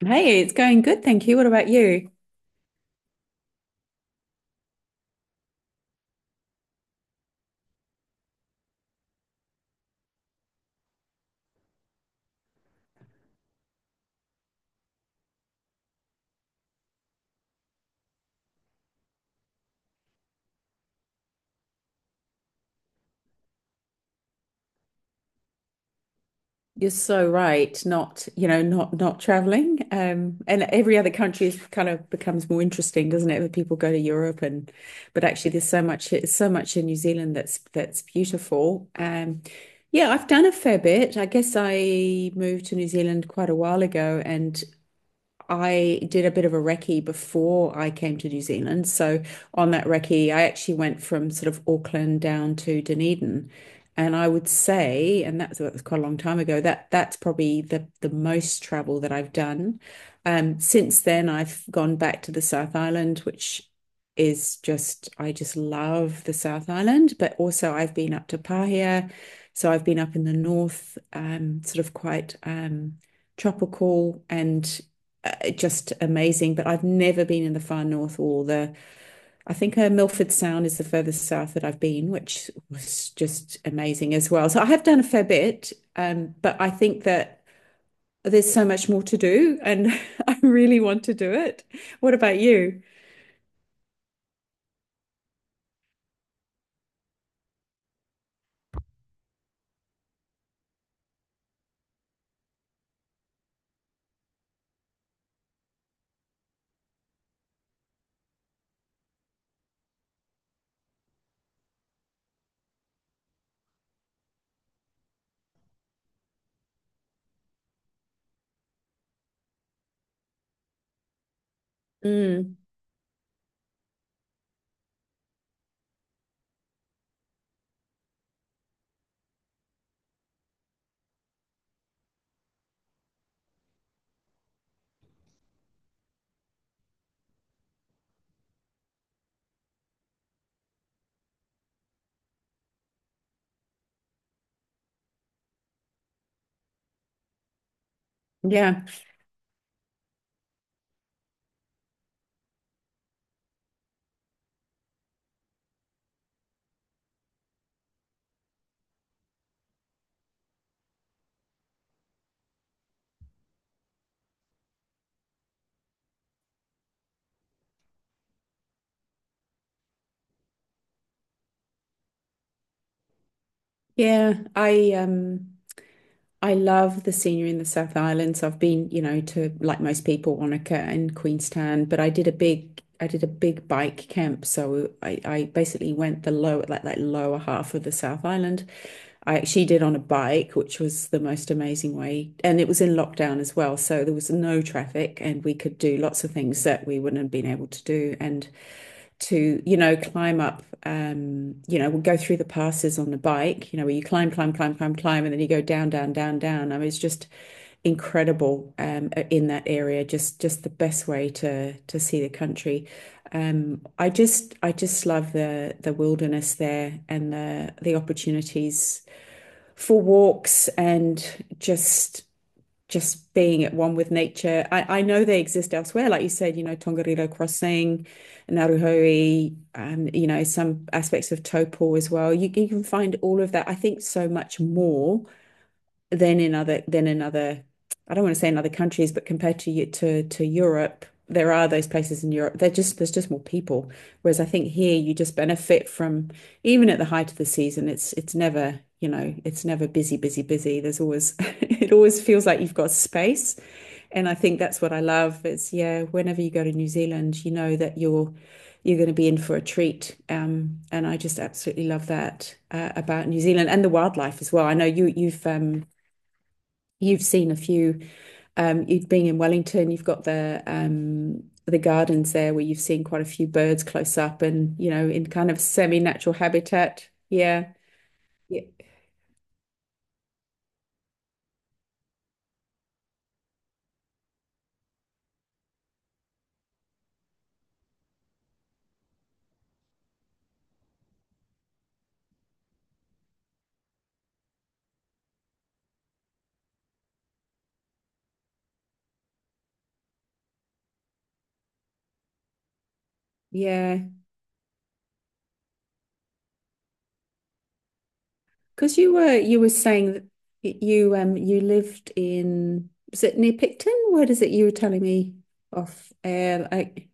Hey, it's going good, thank you. What about you? You're so right. Not, you know, not traveling. And every other country is kind of becomes more interesting, doesn't it? When people go to Europe and, but actually, there's so much, so much in New Zealand that's beautiful. Yeah, I've done a fair bit. I guess I moved to New Zealand quite a while ago, and I did a bit of a recce before I came to New Zealand. So on that recce, I actually went from sort of Auckland down to Dunedin. And I would say, and that was quite a long time ago, that that's probably the most travel that I've done. Since then, I've gone back to the South Island, which I just love the South Island, but also I've been up to Pahia. So I've been up in the north, sort of quite tropical and just amazing. But I've never been in the far north or the, I think Milford Sound is the furthest south that I've been, which was just amazing as well. So I have done a fair bit, but I think that there's so much more to do and I really want to do it. What about you? Mm, yeah. Yeah. I love the scenery in the South Island. So I've been, you know, to like most people, Wanaka and Queenstown, but I did a big bike camp. So I basically went the lower like that lower half of the South Island. I actually did on a bike, which was the most amazing way. And it was in lockdown as well. So there was no traffic and we could do lots of things that we wouldn't have been able to do. And to, you know, climb up, you know, we'll go through the passes on the bike, you know, where you climb, climb, climb, climb, climb, and then you go down, down, down, down. I mean, it's just incredible in that area. Just the best way to see the country. I just love the wilderness there and the opportunities for walks and just being at one with nature. I know they exist elsewhere, like you said, you know, Tongariro Crossing, Naruhoe, you know, some aspects of Taupo as well. You can find all of that. I think so much more than in other I don't want to say in other countries, but compared to to Europe, there are those places in Europe. They're just there's just more people. Whereas I think here you just benefit from even at the height of the season, it's never, you know, it's never busy, busy, busy. There's always it always feels like you've got space. And I think that's what I love is yeah, whenever you go to New Zealand, you know that you're going to be in for a treat. And I just absolutely love that about New Zealand and the wildlife as well. I know you've you've seen a few. You've been in Wellington. You've got the gardens there where you've seen quite a few birds close up, and you know, in kind of semi-natural habitat. Yeah, yeah, yeah. Because you were saying that you you lived in was it near Picton? Where is it? You were telling me off air. Like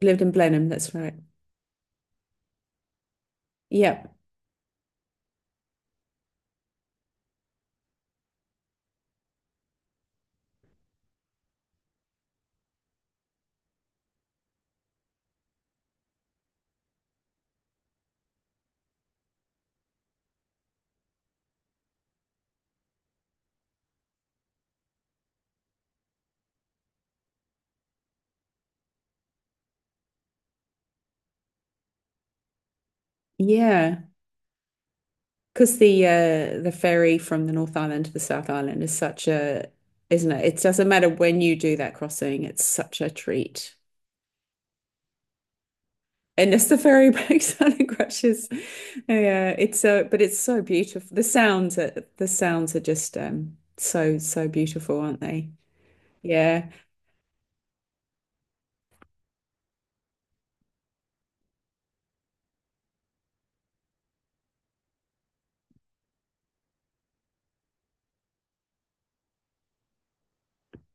you lived in Blenheim. That's right. Yeah, yeah. Because the ferry from the North Island to the South Island is such a, isn't it? It doesn't matter when you do that crossing, it's such a treat. Unless the ferry breaks down and crashes. Yeah, it's so but it's so beautiful. The sounds are just so so beautiful, aren't they? Yeah,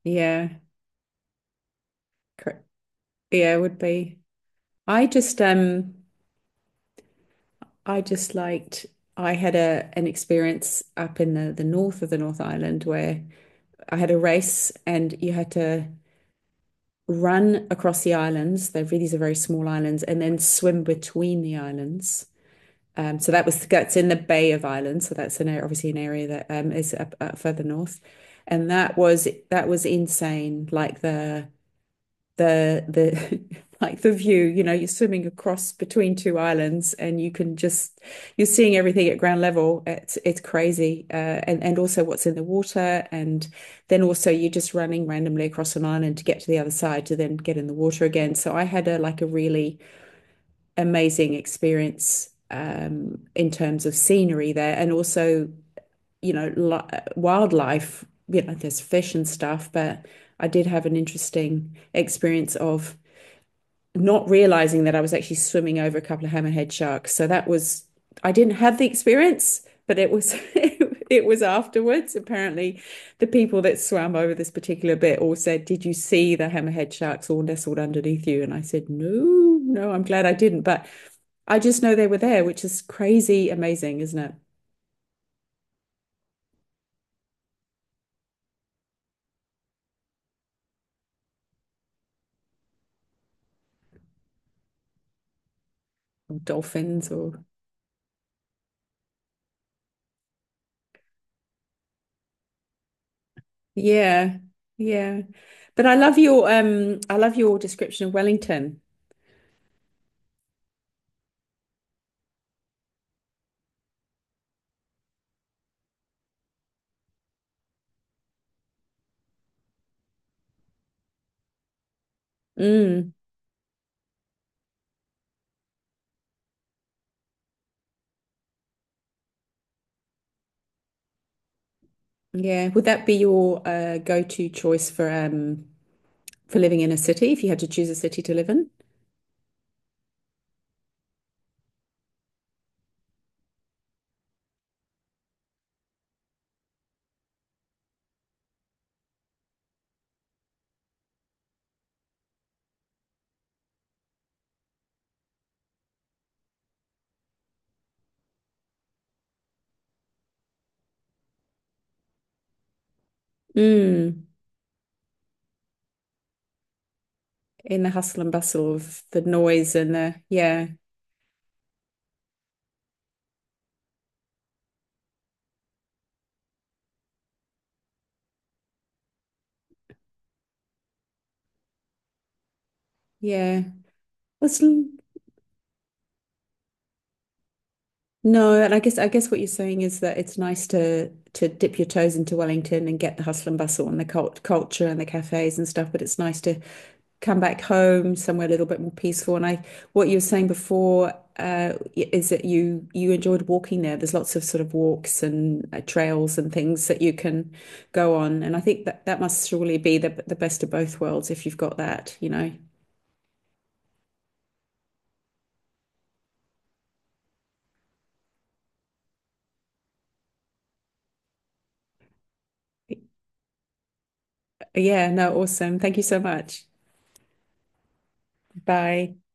yeah. Cor- Yeah, it would be. I just um I just liked I had a an experience up in the north of the North Island where I had a race and you had to run across the islands. They're really, these are very small islands, and then swim between the islands. So that was that's in the Bay of Islands. So that's an obviously an area that is up further north, and that was insane. Like the like the view, you know, you're swimming across between two islands and you can just you're seeing everything at ground level. It's crazy. And and also what's in the water and then also you're just running randomly across an island to get to the other side to then get in the water again. So I had a like a really amazing experience in terms of scenery there and also, you know, li wildlife, you know, there's fish and stuff, but I did have an interesting experience of not realizing that I was actually swimming over a couple of hammerhead sharks. So that was, I didn't have the experience, but it was, it was afterwards. Apparently, the people that swam over this particular bit all said, did you see the hammerhead sharks all nestled underneath you? And I said, no, no, I'm glad I didn't. But I just know they were there, which is crazy amazing, isn't it? Or dolphins or, yeah, yeah. But I love your description of Wellington. Mm. Yeah. Would that be your go-to choice for living in a city if you had to choose a city to live in? Mm. In the hustle and bustle of the noise and the yeah, yeah. It's, no, and I guess what you're saying is that it's nice to dip your toes into Wellington and get the hustle and bustle and the culture and the cafes and stuff, but it's nice to come back home somewhere a little bit more peaceful. What you were saying before, is that you enjoyed walking there. There's lots of sort of walks and trails and things that you can go on. And I think that that must surely be the best of both worlds if you've got that, you know. Yeah, no, awesome. Thank you so much. Bye.